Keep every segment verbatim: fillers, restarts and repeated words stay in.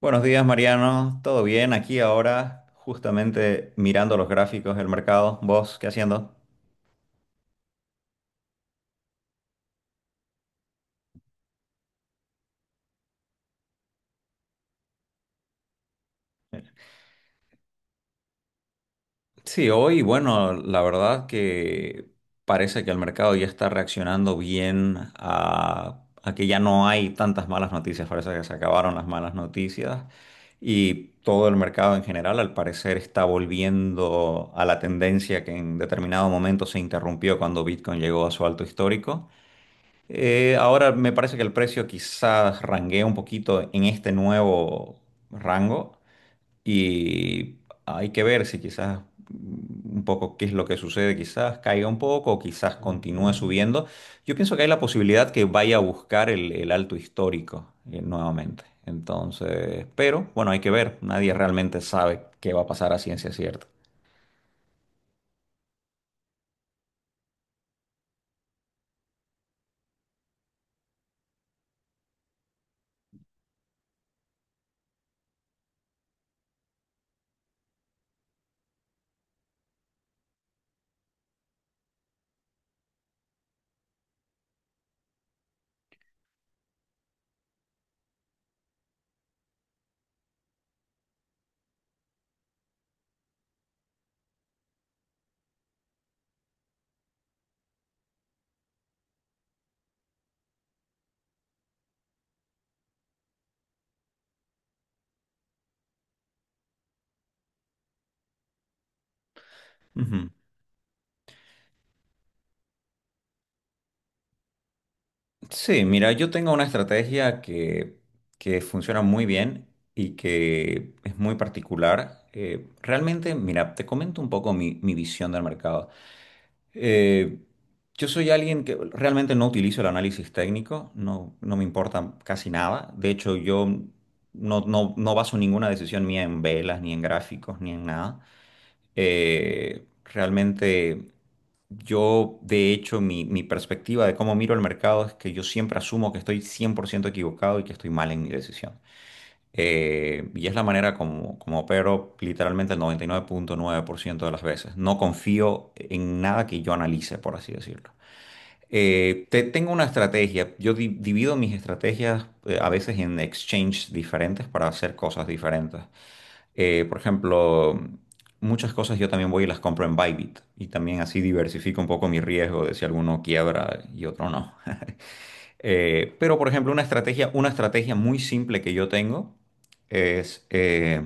Buenos días, Mariano. ¿Todo bien? Aquí ahora, justamente mirando los gráficos del mercado. ¿Vos qué haciendo? Sí, hoy, bueno, la verdad que parece que el mercado ya está reaccionando bien a, a que ya no hay tantas malas noticias, parece que se acabaron las malas noticias y todo el mercado en general al parecer está volviendo a la tendencia que en determinado momento se interrumpió cuando Bitcoin llegó a su alto histórico. Eh, ahora me parece que el precio quizás ranguea un poquito en este nuevo rango y hay que ver si quizás mm, un poco qué es lo que sucede, quizás caiga un poco o quizás continúe subiendo. Yo pienso que hay la posibilidad que vaya a buscar el, el alto histórico eh, nuevamente. Entonces, pero bueno, hay que ver, nadie realmente sabe qué va a pasar a ciencia cierta. Sí, mira, yo tengo una estrategia que, que funciona muy bien y que es muy particular. Eh, realmente, mira, te comento un poco mi, mi visión del mercado. Eh, yo soy alguien que realmente no utilizo el análisis técnico, no, no me importa casi nada. De hecho, yo no, no, no baso ninguna decisión mía en velas, ni en gráficos, ni en nada. Eh, realmente yo, de hecho, mi, mi perspectiva de cómo miro el mercado es que yo siempre asumo que estoy cien por ciento equivocado y que estoy mal en mi decisión. Eh, y es la manera como, como opero literalmente el noventa y nueve nueve punto nueve por ciento de las veces. No confío en nada que yo analice, por así decirlo. Eh, te, tengo una estrategia. Yo di- divido mis estrategias eh, a veces en exchanges diferentes para hacer cosas diferentes. Eh, por ejemplo, muchas cosas yo también voy y las compro en Bybit y también así diversifico un poco mi riesgo de si alguno quiebra y otro no. Eh, pero por ejemplo, una estrategia, una estrategia muy simple que yo tengo es eh,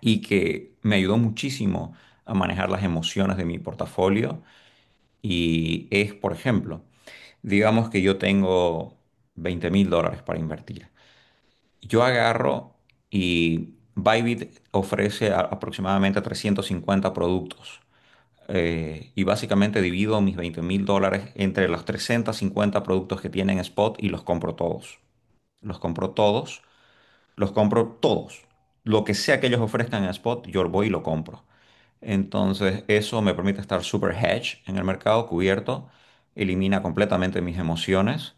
y que me ayudó muchísimo a manejar las emociones de mi portafolio y es, por ejemplo, digamos que yo tengo veinte mil dólares para invertir. Yo agarro y Bybit ofrece a- aproximadamente trescientos cincuenta productos. Eh, y básicamente divido mis veinte mil dólares entre los trescientos cincuenta productos que tienen Spot y los compro todos. Los compro todos, los compro todos. Lo que sea que ellos ofrezcan en Spot, yo voy y lo compro. Entonces, eso me permite estar super hedge en el mercado, cubierto, elimina completamente mis emociones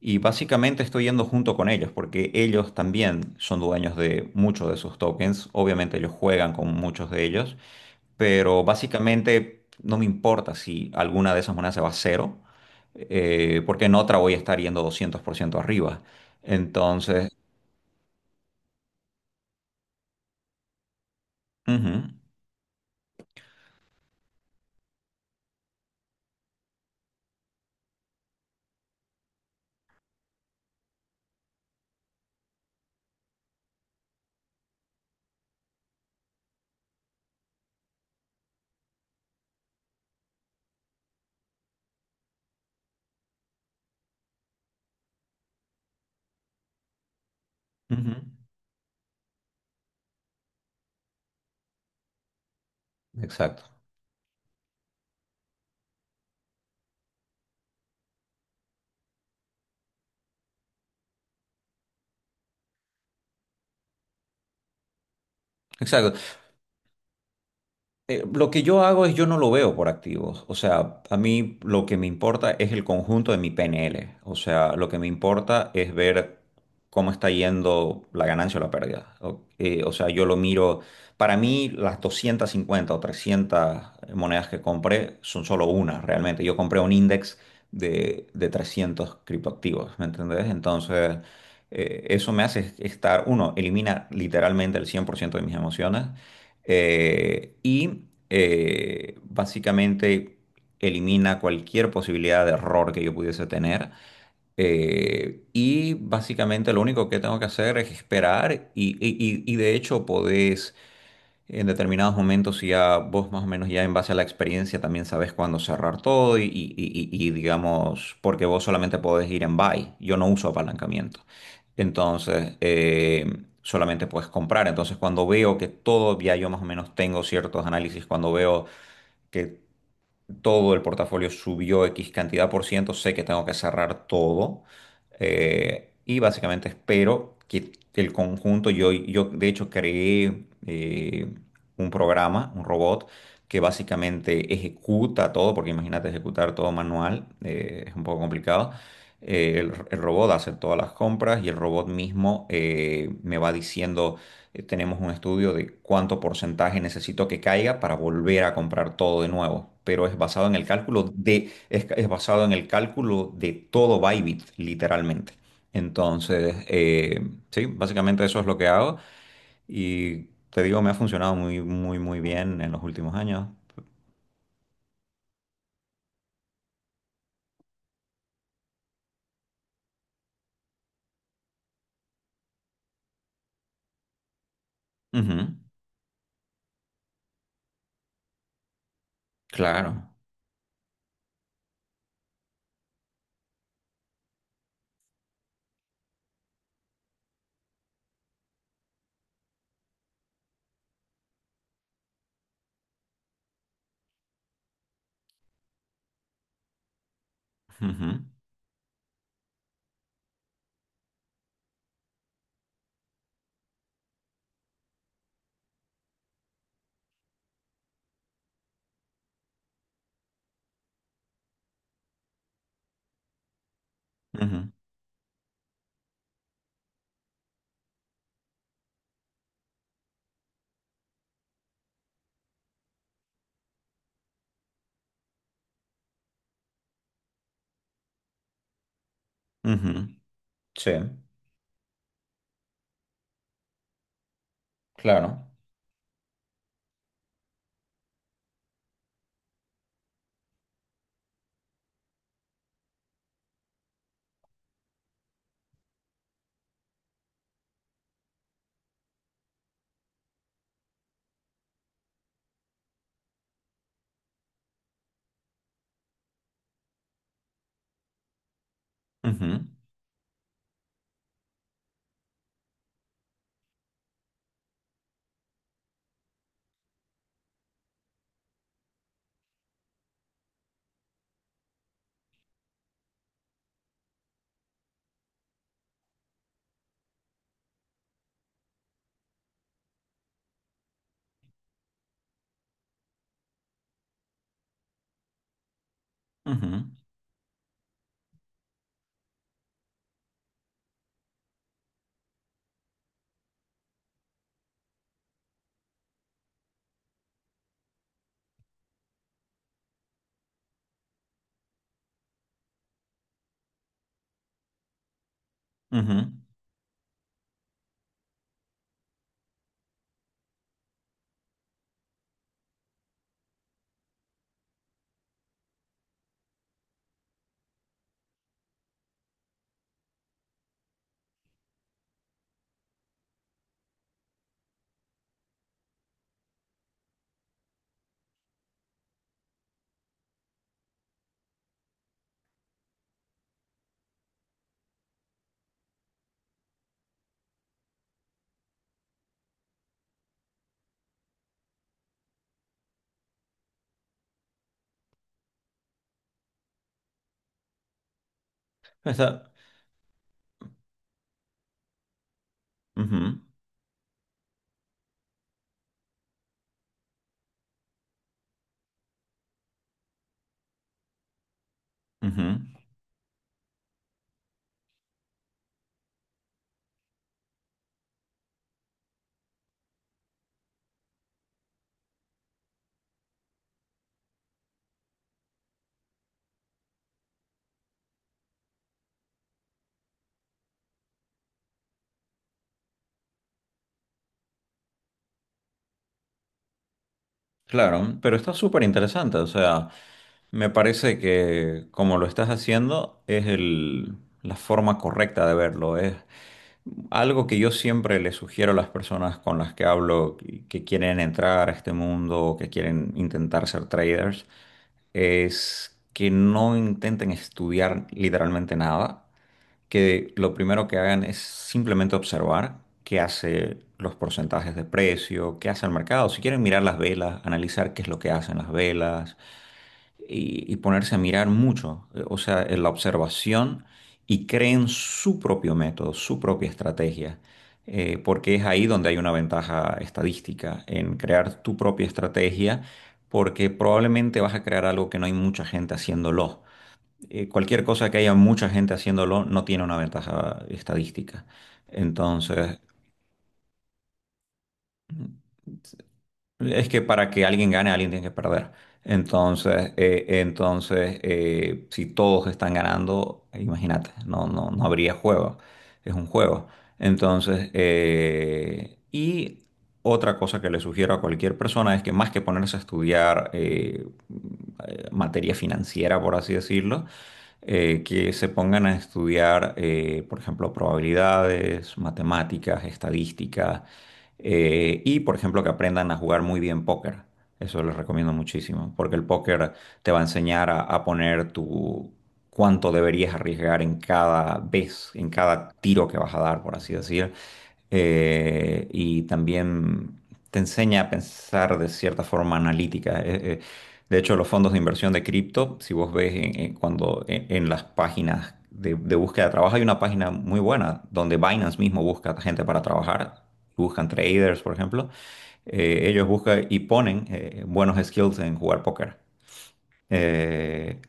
y básicamente estoy yendo junto con ellos, porque ellos también son dueños de muchos de sus tokens. Obviamente ellos juegan con muchos de ellos, pero básicamente no me importa si alguna de esas monedas se va a cero, eh, porque en otra voy a estar yendo doscientos por ciento arriba. Entonces, ujú, ujú, exacto. Exacto. Eh, lo que yo hago es yo no lo veo por activos. O sea, a mí lo que me importa es el conjunto de mi P N L. O sea, lo que me importa es ver cómo está yendo la ganancia o la pérdida. O, eh, o sea, yo lo miro. Para mí, las doscientas cincuenta o trescientas monedas que compré son solo una, realmente. Yo compré un index de, de trescientos criptoactivos, ¿me entendés? Entonces, eh, eso me hace estar, uno, elimina literalmente el cien por ciento de mis emociones eh, y eh, básicamente elimina cualquier posibilidad de error que yo pudiese tener. Eh, y básicamente lo único que tengo que hacer es esperar y, y- y- y de hecho podés en determinados momentos y ya vos más o menos ya en base a la experiencia también sabes cuándo cerrar todo y, y- y- y digamos, porque vos solamente podés ir en buy, yo no uso apalancamiento. Entonces, eh, solamente puedes comprar. Entonces, cuando veo que todo, ya yo más o menos tengo ciertos análisis, cuando veo que todo el portafolio subió X cantidad por ciento, sé que tengo que cerrar todo eh, y básicamente espero que el conjunto, yo, yo de hecho creé eh, un programa, un robot que básicamente ejecuta todo, porque imagínate ejecutar todo manual, eh, es un poco complicado. Eh, el, el robot hace todas las compras y el robot mismo eh, me va diciendo eh, tenemos un estudio de cuánto porcentaje necesito que caiga para volver a comprar todo de nuevo. Pero es basado en el cálculo de, es, es basado en el cálculo de todo Bybit, literalmente. Entonces, eh, sí, básicamente eso es lo que hago. Y te digo, me ha funcionado muy, muy, muy bien en los últimos años. Ujú, claro. Ujú, ujú, ujú. Sí, claro. Ujú, ujú, ujú. Está- ujú, ujú. Claro, pero está súper interesante, o sea, me parece que como lo estás haciendo es el, la forma correcta de verlo, es algo que yo siempre le sugiero a las personas con las que hablo y que quieren entrar a este mundo o que quieren intentar ser traders, es que no intenten estudiar literalmente nada, que lo primero que hagan es simplemente observar qué hace los porcentajes de precio, qué hace el mercado. Si quieren mirar las velas, analizar qué es lo que hacen las velas y, y ponerse a mirar mucho, eh, o sea, en la observación y creen su propio método, su propia estrategia. Eh, porque es ahí donde hay una ventaja estadística, en crear tu propia estrategia, porque probablemente vas a crear algo que no hay mucha gente haciéndolo. Eh, cualquier cosa que haya mucha gente haciéndolo no tiene una ventaja estadística. Entonces, es que para que alguien gane, alguien tiene que perder. Entonces, eh, entonces eh, si todos están ganando, imagínate, no, no, no habría juego. Es un juego. Entonces, eh, y otra cosa que le sugiero a cualquier persona es que más que ponerse a estudiar eh, eh, materia financiera, por así decirlo, eh, que se pongan a estudiar, eh, por ejemplo, probabilidades, matemáticas, estadísticas, eh, y, por ejemplo, que aprendan a jugar muy bien póker. Eso les recomiendo muchísimo, porque el póker te va a enseñar a, a poner tu cuánto deberías arriesgar en cada vez, en cada tiro que vas a dar, por así decir. Eh, y también te enseña a pensar de cierta forma analítica. Eh, eh, de hecho, los fondos de inversión de cripto, si vos ves en, en- cuando en, en las páginas de, de búsqueda de trabajo, hay una página muy buena donde Binance mismo busca gente para trabajar, buscan traders, por ejemplo. Eh, ellos buscan y ponen eh, buenos skills en jugar póker. Eh,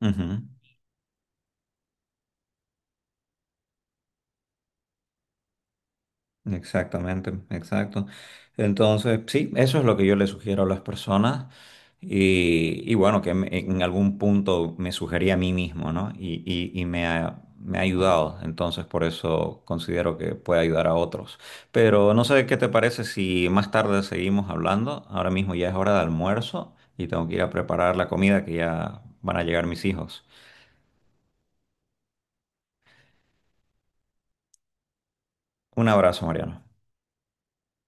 ujú. Exactamente, exacto. Entonces, sí, eso es lo que yo le sugiero a las personas y, y bueno, que en en algún punto me sugerí a mí mismo, ¿no? Y, y- y me ha, me ha ayudado, entonces por eso considero que puede ayudar a otros. Pero no sé qué te parece si más tarde seguimos hablando, ahora mismo ya es hora de almuerzo y tengo que ir a preparar la comida que ya van a llegar mis hijos. Un abrazo, Mariano.